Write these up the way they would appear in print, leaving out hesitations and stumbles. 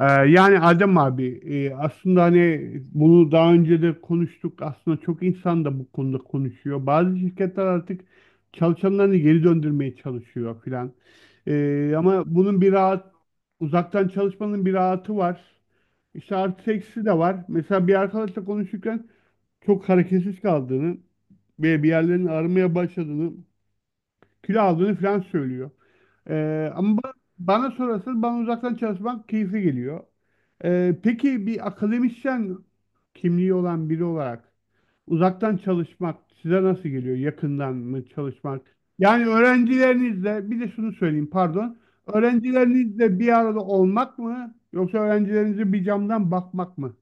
Yani Adem abi, aslında hani bunu daha önce de konuştuk. Aslında çok insan da bu konuda konuşuyor. Bazı şirketler artık çalışanlarını geri döndürmeye çalışıyor filan. Ama bunun bir rahat uzaktan çalışmanın bir rahatı var. İşte artı eksisi de var. Mesela bir arkadaşla konuşurken çok hareketsiz kaldığını ve bir yerlerini aramaya başladığını, kilo aldığını falan söylüyor. Ama ba- Bana sorarsan bana uzaktan çalışmak keyifli geliyor. Peki bir akademisyen kimliği olan biri olarak uzaktan çalışmak size nasıl geliyor? Yakından mı çalışmak? Yani öğrencilerinizle, bir de şunu söyleyeyim, pardon. Öğrencilerinizle bir arada olmak mı, yoksa öğrencilerinize bir camdan bakmak mı?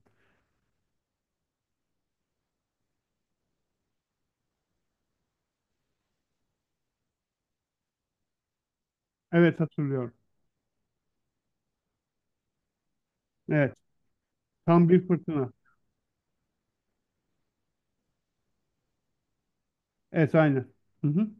Evet, hatırlıyorum. Evet. Tam bir fırtına. Evet, aynen. Hı hı.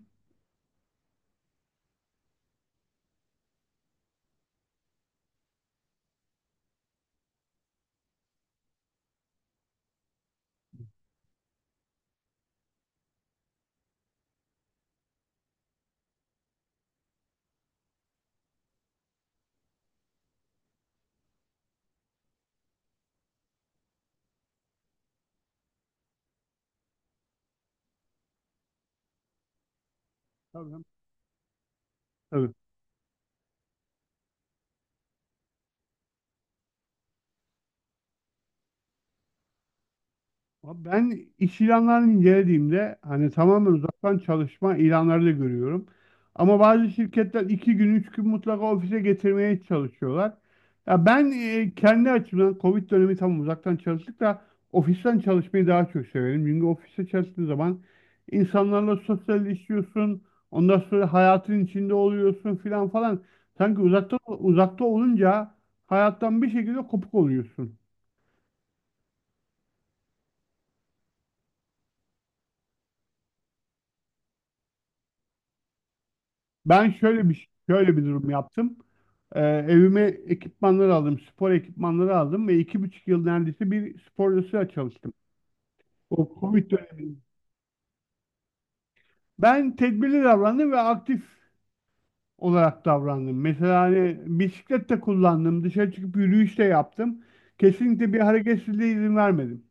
Tabii. Tabii. Abi, ben iş ilanlarını incelediğimde hani tamamen uzaktan çalışma ilanları da görüyorum. Ama bazı şirketler iki gün, üç gün mutlaka ofise getirmeye çalışıyorlar. Ya ben, kendi açımdan Covid dönemi tam uzaktan çalıştık da ofisten çalışmayı daha çok severim. Çünkü ofiste çalıştığın zaman insanlarla sosyalleşiyorsun. Ondan sonra hayatın içinde oluyorsun filan falan. Sanki uzakta uzakta olunca hayattan bir şekilde kopuk oluyorsun. Ben şöyle bir şöyle bir durum yaptım. Evime ekipmanları aldım, spor ekipmanları aldım ve iki buçuk yıl neredeyse bir spor çalıştım. O Covid dönemi. Ben tedbirli davrandım ve aktif olarak davrandım. Mesela hani bisiklet de kullandım, dışarı çıkıp yürüyüş de yaptım. Kesinlikle bir hareketsizliğe izin vermedim.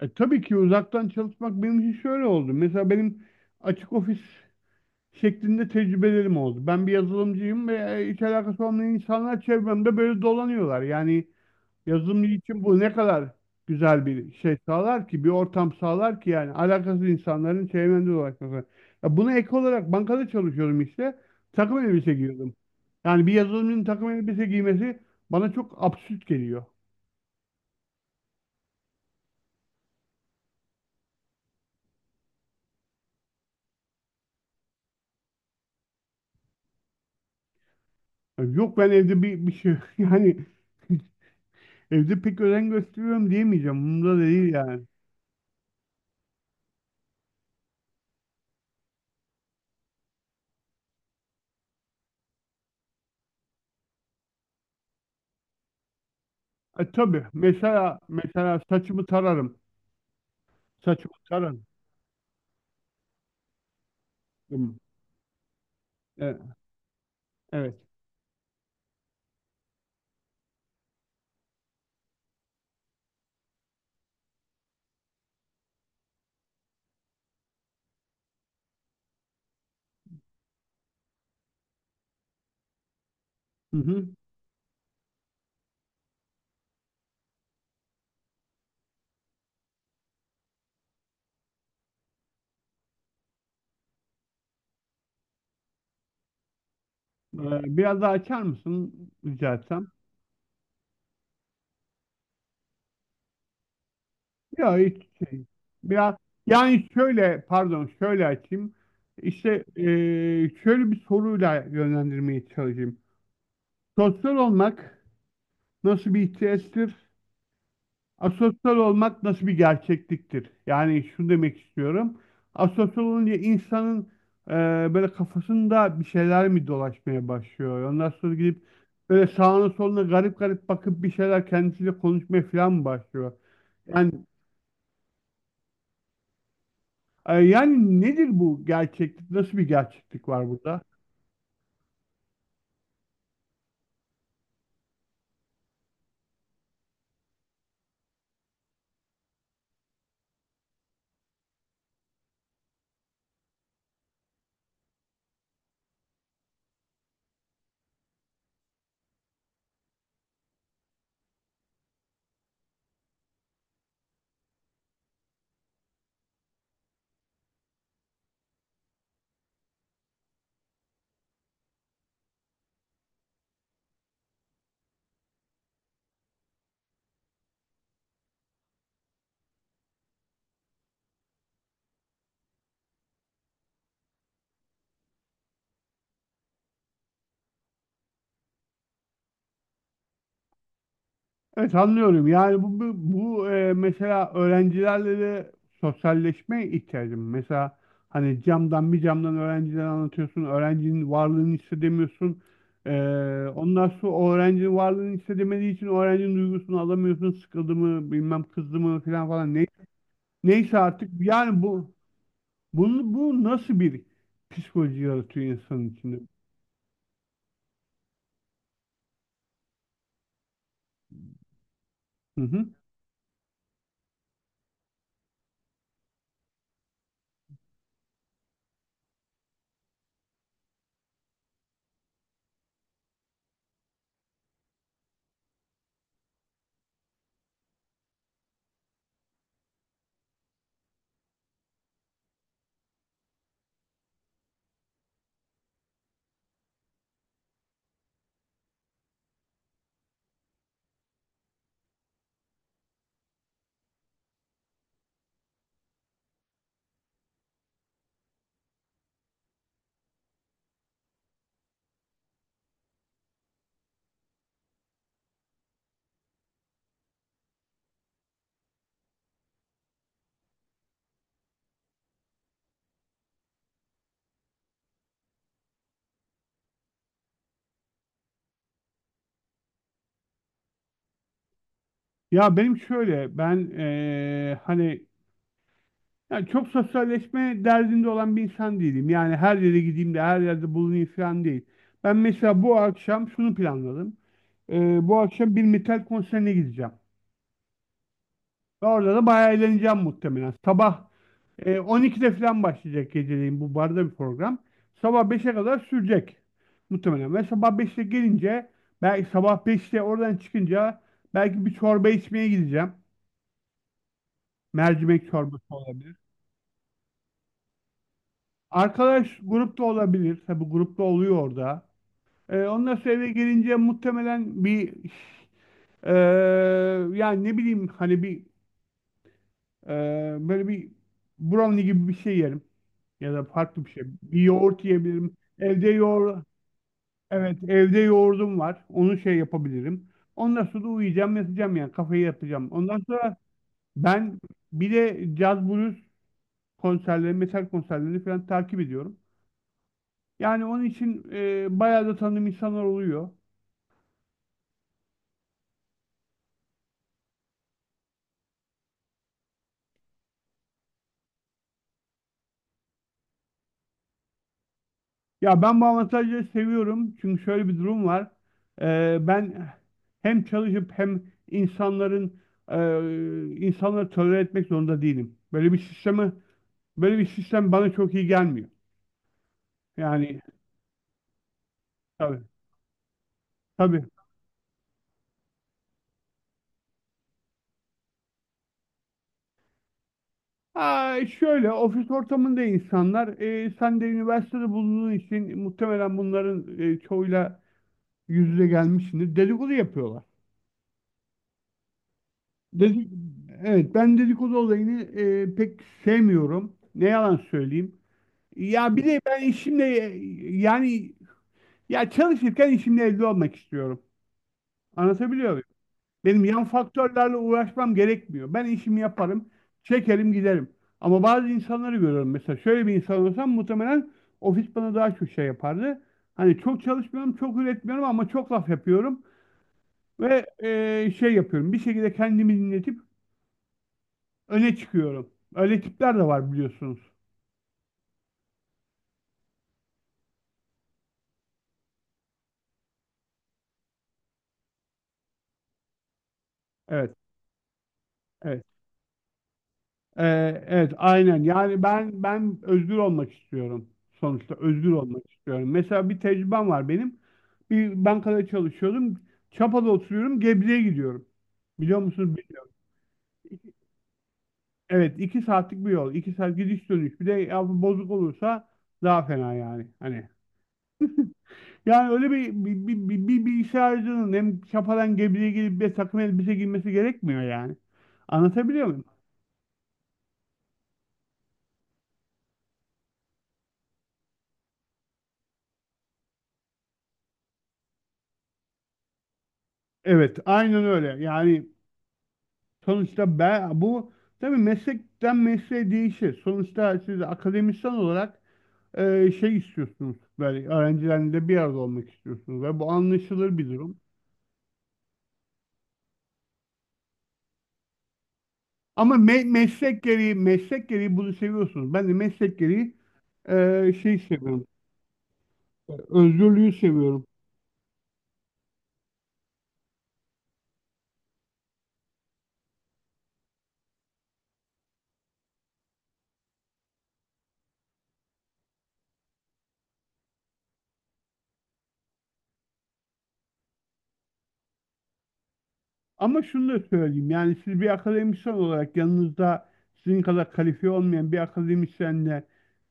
Tabii ki uzaktan çalışmak benim için şöyle oldu. Mesela benim açık ofis şeklinde tecrübelerim oldu. Ben bir yazılımcıyım ve hiç alakası olmayan insanlar çevremde böyle dolanıyorlar. Yani yazılımcı için bu ne kadar güzel bir şey sağlar ki, bir ortam sağlar ki, yani alakasız insanların çevremde dolaşması. Ya buna ek olarak bankada çalışıyorum işte. Takım elbise giyiyordum. Yani bir yazılımcının takım elbise giymesi bana çok absürt geliyor. Yani yok, ben evde bir şey yani evde pek özen gösteriyorum diyemeyeceğim. Umurumda da değil yani. Tabii mesela mesela saçımı tararım. Saçımı tararım. E, evet. Hı hı. Biraz daha açar mısın rica etsem? Ya hiç şey. Biraz yani şöyle, pardon, şöyle açayım. İşte, e, şöyle bir soruyla yönlendirmeye çalışayım. Sosyal olmak nasıl bir ihtiyaçtır? Asosyal olmak nasıl bir gerçekliktir? Yani şunu demek istiyorum. Asosyal olunca insanın e, böyle kafasında bir şeyler mi dolaşmaya başlıyor? Ondan sonra gidip böyle sağına soluna garip garip bakıp bir şeyler kendisiyle konuşmaya falan mı başlıyor? Yani, Yani nedir bu gerçeklik? Nasıl bir gerçeklik var burada? Evet, anlıyorum. Yani bu, mesela öğrencilerle de sosyalleşmeye ihtiyacım. Mesela hani camdan, bir camdan öğrenciler anlatıyorsun. Öğrencinin varlığını hissedemiyorsun. E, Ondan sonra o öğrencinin varlığını hissedemediği için öğrencinin duygusunu alamıyorsun. Sıkıldı mı, bilmem kızdı mı falan falan. Neyse artık, yani bu bunu bu nasıl bir psikoloji yaratıyor insanın içinde? Hı hı. Ya benim şöyle, ben, hani yani çok sosyalleşme derdinde olan bir insan değilim. Yani her yere gideyim de her yerde bulunayım falan değil. Ben mesela bu akşam şunu planladım. Bu akşam bir metal konserine gideceğim. Ve orada da bayağı eğleneceğim muhtemelen. Sabah, 12'de falan başlayacak geceleyin bu barda bir program. Sabah beşe kadar sürecek muhtemelen. Ve sabah 5'te gelince, belki sabah beşte oradan çıkınca, belki bir çorba içmeye gideceğim. Mercimek çorbası olabilir. Arkadaş grupta olabilir. Tabii grupta oluyor orada. Ondan sonra eve gelince muhtemelen bir eee, yani ne bileyim, hani bir böyle bir brownie gibi bir şey yerim ya da farklı bir şey. Bir yoğurt yiyebilirim. Evde yoğur Evet, evde yoğurdum var. Onu şey yapabilirim. Ondan sonra da uyuyacağım, yatacağım, yani kafayı yapacağım. Ondan sonra ben bir de caz blues konserleri, metal konserlerini falan takip ediyorum. Yani onun için bayağı da tanıdığım insanlar oluyor. Ya ben bu avantajı seviyorum çünkü şöyle bir durum var. Ben hem çalışıp hem insanların insanları tolere etmek zorunda değilim. Böyle bir sistemi böyle bir sistem bana çok iyi gelmiyor. Yani tabii, tabii. Aa, şöyle ofis ortamında insanlar, sen de üniversitede bulunduğun için muhtemelen bunların çoğuyla yüz yüze gelmişsindir. Dedikodu yapıyorlar. Dedik, evet, ben dedikodu olayını pek sevmiyorum. Ne yalan söyleyeyim. Ya bir de ben işimle, yani ya çalışırken işimle evde olmak istiyorum. Anlatabiliyor muyum? Benim yan faktörlerle uğraşmam gerekmiyor. Ben işimi yaparım, çekerim giderim. Ama bazı insanları görüyorum mesela. Şöyle bir insan olsam muhtemelen ofis bana daha çok şey yapardı. Hani çok çalışmıyorum, çok üretmiyorum ama çok laf yapıyorum. Ve şey yapıyorum. Bir şekilde kendimi dinletip öne çıkıyorum. Öyle tipler de var, biliyorsunuz. Evet, evet. Evet, aynen, yani ben özgür olmak istiyorum, sonuçta özgür olmak istiyorum. Mesela bir tecrübem var benim, bir bankada çalışıyordum, Çapa'da oturuyorum, Gebze'ye gidiyorum, biliyor musunuz bilmiyorum. Evet, iki saatlik bir yol, iki saat gidiş dönüş, bir de ya bozuk olursa daha fena yani, hani. Yani öyle bir, bir bilgisayarcının hem Çapa'dan Gebze'ye gelip bir takım elbise giymesi gerekmiyor yani, anlatabiliyor muyum? Evet, aynen öyle yani. Sonuçta ben bu, tabii meslekten mesleğe değişir. Sonuçta siz akademisyen olarak şey istiyorsunuz. Böyle öğrencilerle bir arada olmak istiyorsunuz ve bu anlaşılır bir durum. Ama meslek gereği, meslek gereği bunu seviyorsunuz. Ben de meslek gereği şey seviyorum. Özgürlüğü seviyorum. Ama şunu da söyleyeyim, yani siz bir akademisyen olarak yanınızda sizin kadar kalifiye olmayan bir akademisyenle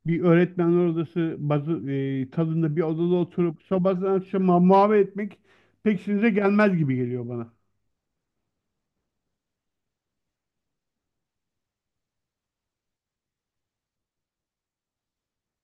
bir öğretmenler odası tadında bir odada oturup sabahtan akşama muhabbet etmek pek işinize gelmez gibi geliyor bana.